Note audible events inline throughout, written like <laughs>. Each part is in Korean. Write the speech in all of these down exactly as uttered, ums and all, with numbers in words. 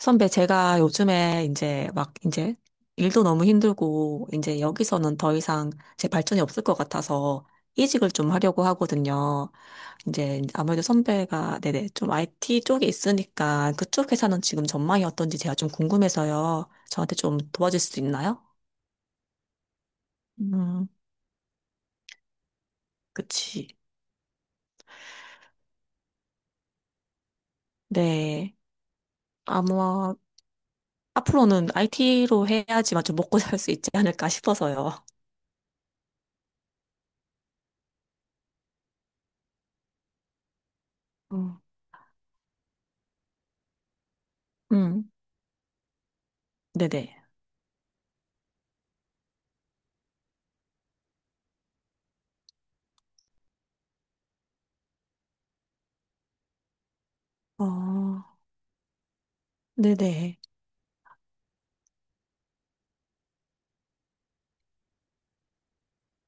선배, 제가 요즘에 이제 막 이제 일도 너무 힘들고 이제 여기서는 더 이상 제 발전이 없을 것 같아서 이직을 좀 하려고 하거든요. 이제 아무래도 선배가 네네 좀 아이티 쪽에 있으니까 그쪽 회사는 지금 전망이 어떤지 제가 좀 궁금해서요. 저한테 좀 도와줄 수 있나요? 음, 그치. 네. 아마 앞으로는 아이티로 해야지만 좀 먹고 살 수 있지 않을까 싶어서요. 음, 음, 네네. 어, 네네.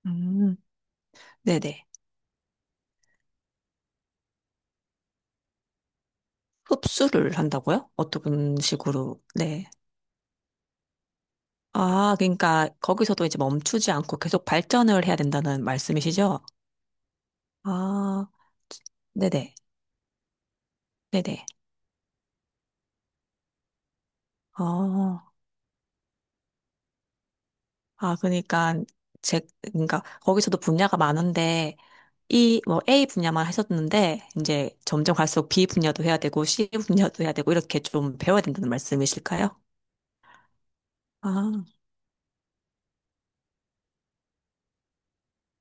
음, 네네. 흡수를 한다고요? 어떤 식으로? 네. 아, 그러니까 거기서도 이제 멈추지 않고 계속 발전을 해야 된다는 말씀이시죠? 아, 네네. 네네. 어, 아, 그러니까 제, 그러니까 거기서도 분야가 많은데 이 뭐 A 분야만 하셨는데 이제 점점 갈수록 B 분야도 해야 되고 C 분야도 해야 되고 이렇게 좀 배워야 된다는 말씀이실까요? 아,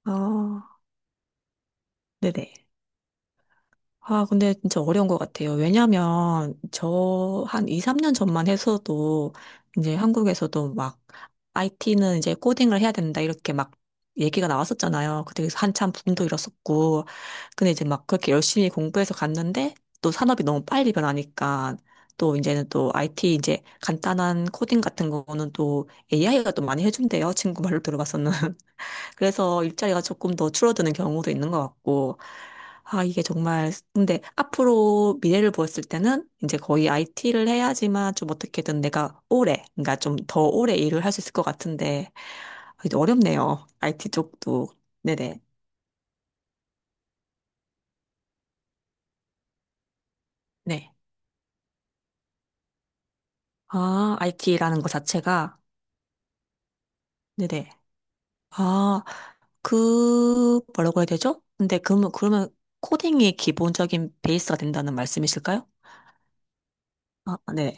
어, 네네. 아, 근데 진짜 어려운 것 같아요. 왜냐면 저 한 이, 삼 년 전만 해서도, 이제 한국에서도 막, 아이티는 이제 코딩을 해야 된다, 이렇게 막 얘기가 나왔었잖아요. 그때 그래서 한참 붐도 일었었고. 근데 이제 막 그렇게 열심히 공부해서 갔는데, 또 산업이 너무 빨리 변하니까, 또 이제는 또 아이티 이제 간단한 코딩 같은 거는 또 에이아이가 또 많이 해준대요. 친구 말로 들어봤었는. 그래서 일자리가 조금 더 줄어드는 경우도 있는 것 같고, 아, 이게 정말, 근데 앞으로 미래를 보았을 때는 이제 거의 아이티를 해야지만 좀 어떻게든 내가 오래, 그러니까 좀 더 오래 일을 할 수 있을 것 같은데, 아, 이제 어렵네요. 아이티 쪽도. 네네. 네. 아, 아이티라는 것 자체가, 네네. 아, 그, 뭐라고 해야 되죠? 근데 그러면, 그러면 코딩이 기본적인 베이스가 된다는 말씀이실까요? 아, 네.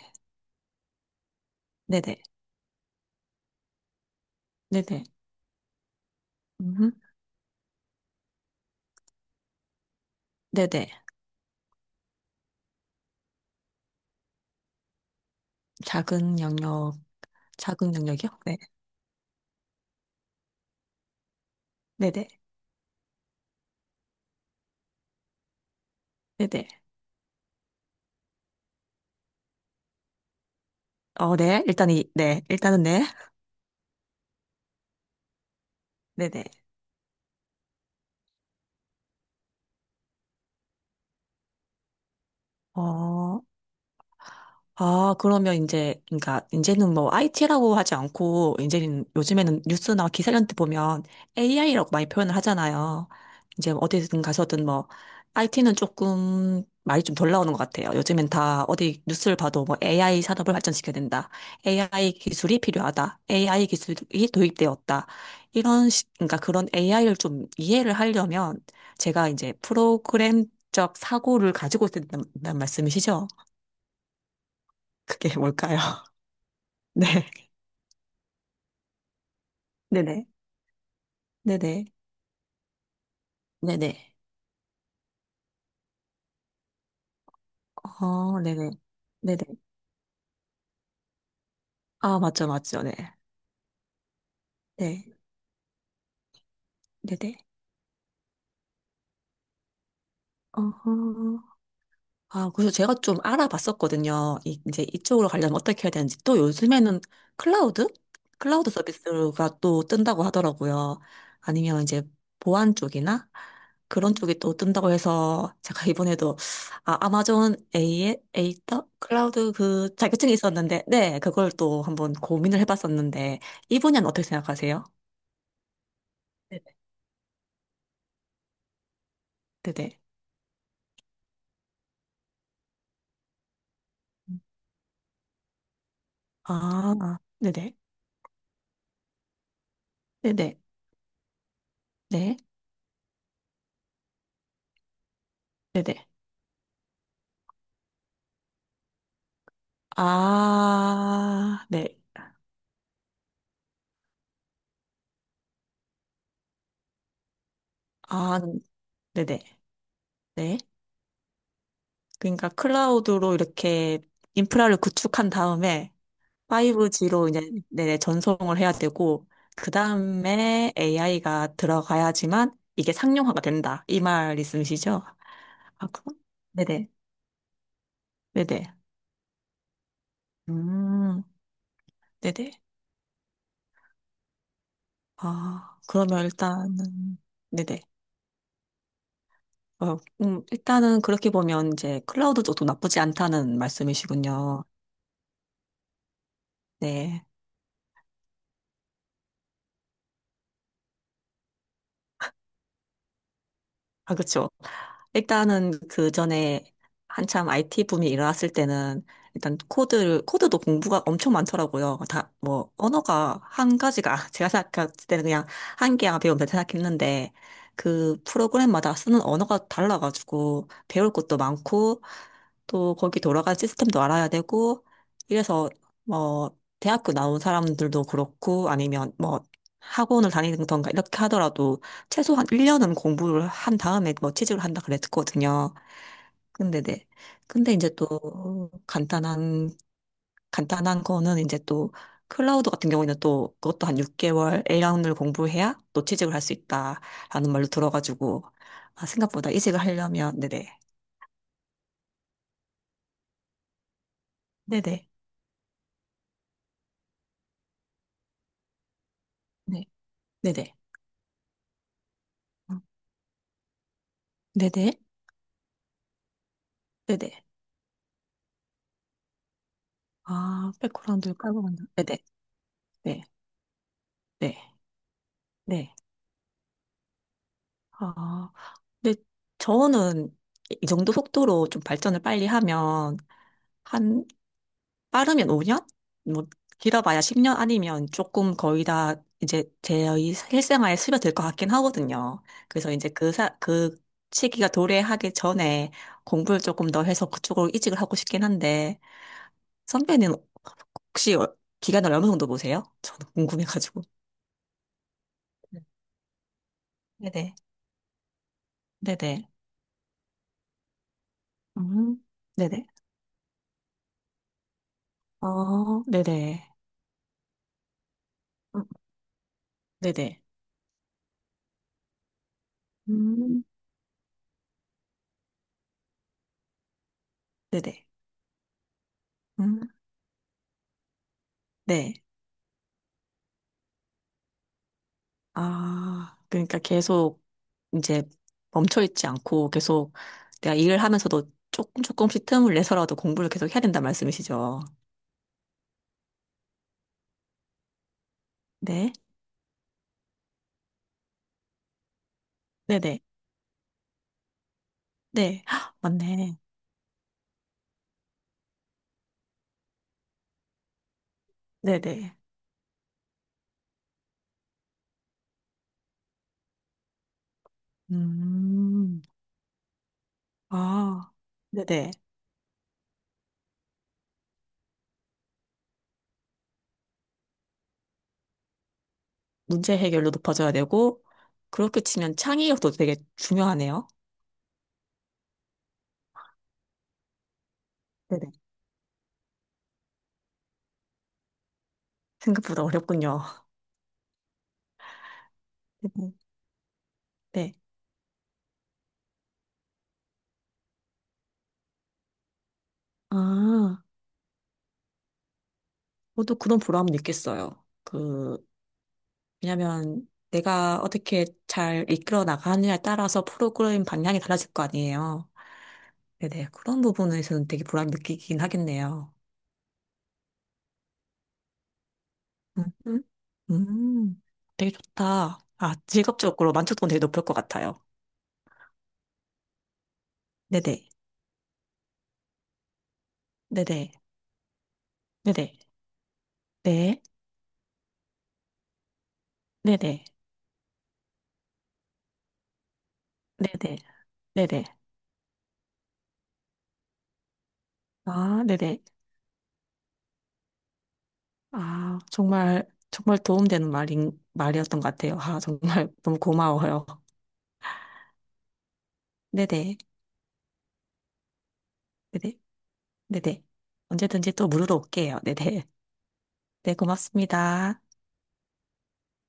네네. 네네. 네네. 작은 영역, 작은 영역이요? 네. 네네. 네네. 어, 네. 일단 이, 네. 일단은 네. 네네. 어, 아, 그러면 이제, 그러니까, 이제는 뭐, 아이티라고 하지 않고, 이제는 요즘에는 뉴스나 기사한테 보면 에이아이라고 많이 표현을 하잖아요. 이제 어디든 가서든 뭐, 아이티는 조금 말이 좀 덜 나오는 것 같아요. 요즘엔 다 어디 뉴스를 봐도 뭐, 에이아이 산업을 발전시켜야 된다. 에이아이 기술이 필요하다. 에이아이 기술이 도입되었다. 이런, 식 그러니까 그런 에이아이를 좀 이해를 하려면, 제가 이제 프로그램적 사고를 가지고 있다는 말씀이시죠? 그게 뭘까요? 네. <laughs> 네 네. 네 네. 네네. 어, 네네. 네 네. 아, 맞죠, 맞죠. 네. 네. 네네. 어, 아, 그래서 제가 좀 알아봤었거든요. 이, 이제 이쪽으로 가려면 어떻게 해야 되는지. 또 요즘에는 클라우드? 클라우드 서비스가 또 뜬다고 하더라고요. 아니면 이제 보안 쪽이나 그런 쪽이 또 뜬다고 해서 제가 이번에도 아, 아마존 A의 에이터 클라우드 그 자격증이 있었는데, 네, 그걸 또 한번 고민을 해봤었는데, 이 분야는 어떻게 생각하세요? 네네. 네네. 아, 네네. 네네. 네. 네네. 아, 네. 아, 네네. 네. 그러니까 클라우드로 이렇게 인프라를 구축한 다음에 파이브지로 이제 네네, 전송을 해야 되고, 그 다음에 에이아이가 들어가야지만 이게 상용화가 된다. 이 말 있으시죠? 아, 그 네네. 네네. 음, 네네. 아, 그러면 일단은, 네네. 어, 음, 일단은 그렇게 보면 이제 클라우드 쪽도 나쁘지 않다는 말씀이시군요. 네. 아, 그쵸. 일단은 그 전에 한참 아이티 붐이 일어났을 때는 일단 코드를, 코드도 공부가 엄청 많더라고요. 다, 뭐, 언어가 한 가지가, <laughs> 제가 생각할 때는 그냥 한 개야 배우면 된다 생각했는데, 그 프로그램마다 쓰는 언어가 달라가지고 배울 것도 많고, 또 거기 돌아간 시스템도 알아야 되고, 이래서 뭐, 대학교 나온 사람들도 그렇고, 아니면 뭐, 학원을 다니던가 이렇게 하더라도 최소한 일 년은 공부를 한 다음에 뭐 취직을 한다 그랬거든요. 근데 네. 근데 이제 또 간단한 간단한 거는 이제 또 클라우드 같은 경우에는 또 그것도 한 육 개월, 일 년을 공부해야 또 취직을 할 수 있다라는 말로 들어가지고 아, 생각보다 이직을 하려면 네네. 네네. 네. 네네. 어, 네네. 네네. 아, 백그라운드를 깔고 간다. 네네. 네. 네. 네. 아, 근데 저는 이 정도 속도로 좀 발전을 빨리 하면 한 빠르면 오 년? 뭐 길어봐야 십 년 아니면 조금 거의 다 이제 제 실생활에 스며들 것 같긴 하거든요. 그래서 이제 그 사, 그 시기가 도래하기 전에 공부를 조금 더 해서 그쪽으로 이직을 하고 싶긴 한데 선배는 혹시 어- 기간을 어느 정도 보세요? 저는 궁금해가지고. 네네. 네네. 음, 네네. 어, 네네. 네네. 음, 네네. 음, 네. 아, 그러니까 계속 이제 멈춰있지 않고 계속 내가 일을 하면서도 조금 조금씩 틈을 내서라도 공부를 계속 해야 된다 말씀이시죠? 네. 네네. 네. 헉, 맞네. 네네. 음, 아, 네네. 문제 해결도 높아져야 되고, 그렇게 치면 창의력도 되게 중요하네요. 네네. 생각보다 어렵군요. 네네. 네. 아, 저도 그런 보람은 있겠어요. 그, 왜냐면 내가 어떻게 잘 이끌어 나가느냐에 따라서 프로그램 방향이 달라질 거 아니에요. 네네. 그런 부분에서는 되게 보람 느끼긴 하겠네요. 음, 음, 음. 되게 좋다. 아, 직업적으로 만족도는 되게 높을 것 같아요. 네네. 네네. 네네. 네. 네네. 네네. 네네. 아, 네네. 아, 정말, 정말 도움되는 말인, 말이었던 것 같아요. 아, 정말 <laughs> 너무 고마워요. 네네. 네네. 네네. 언제든지 또 물으러 올게요. 네네. <laughs> 네, 고맙습니다.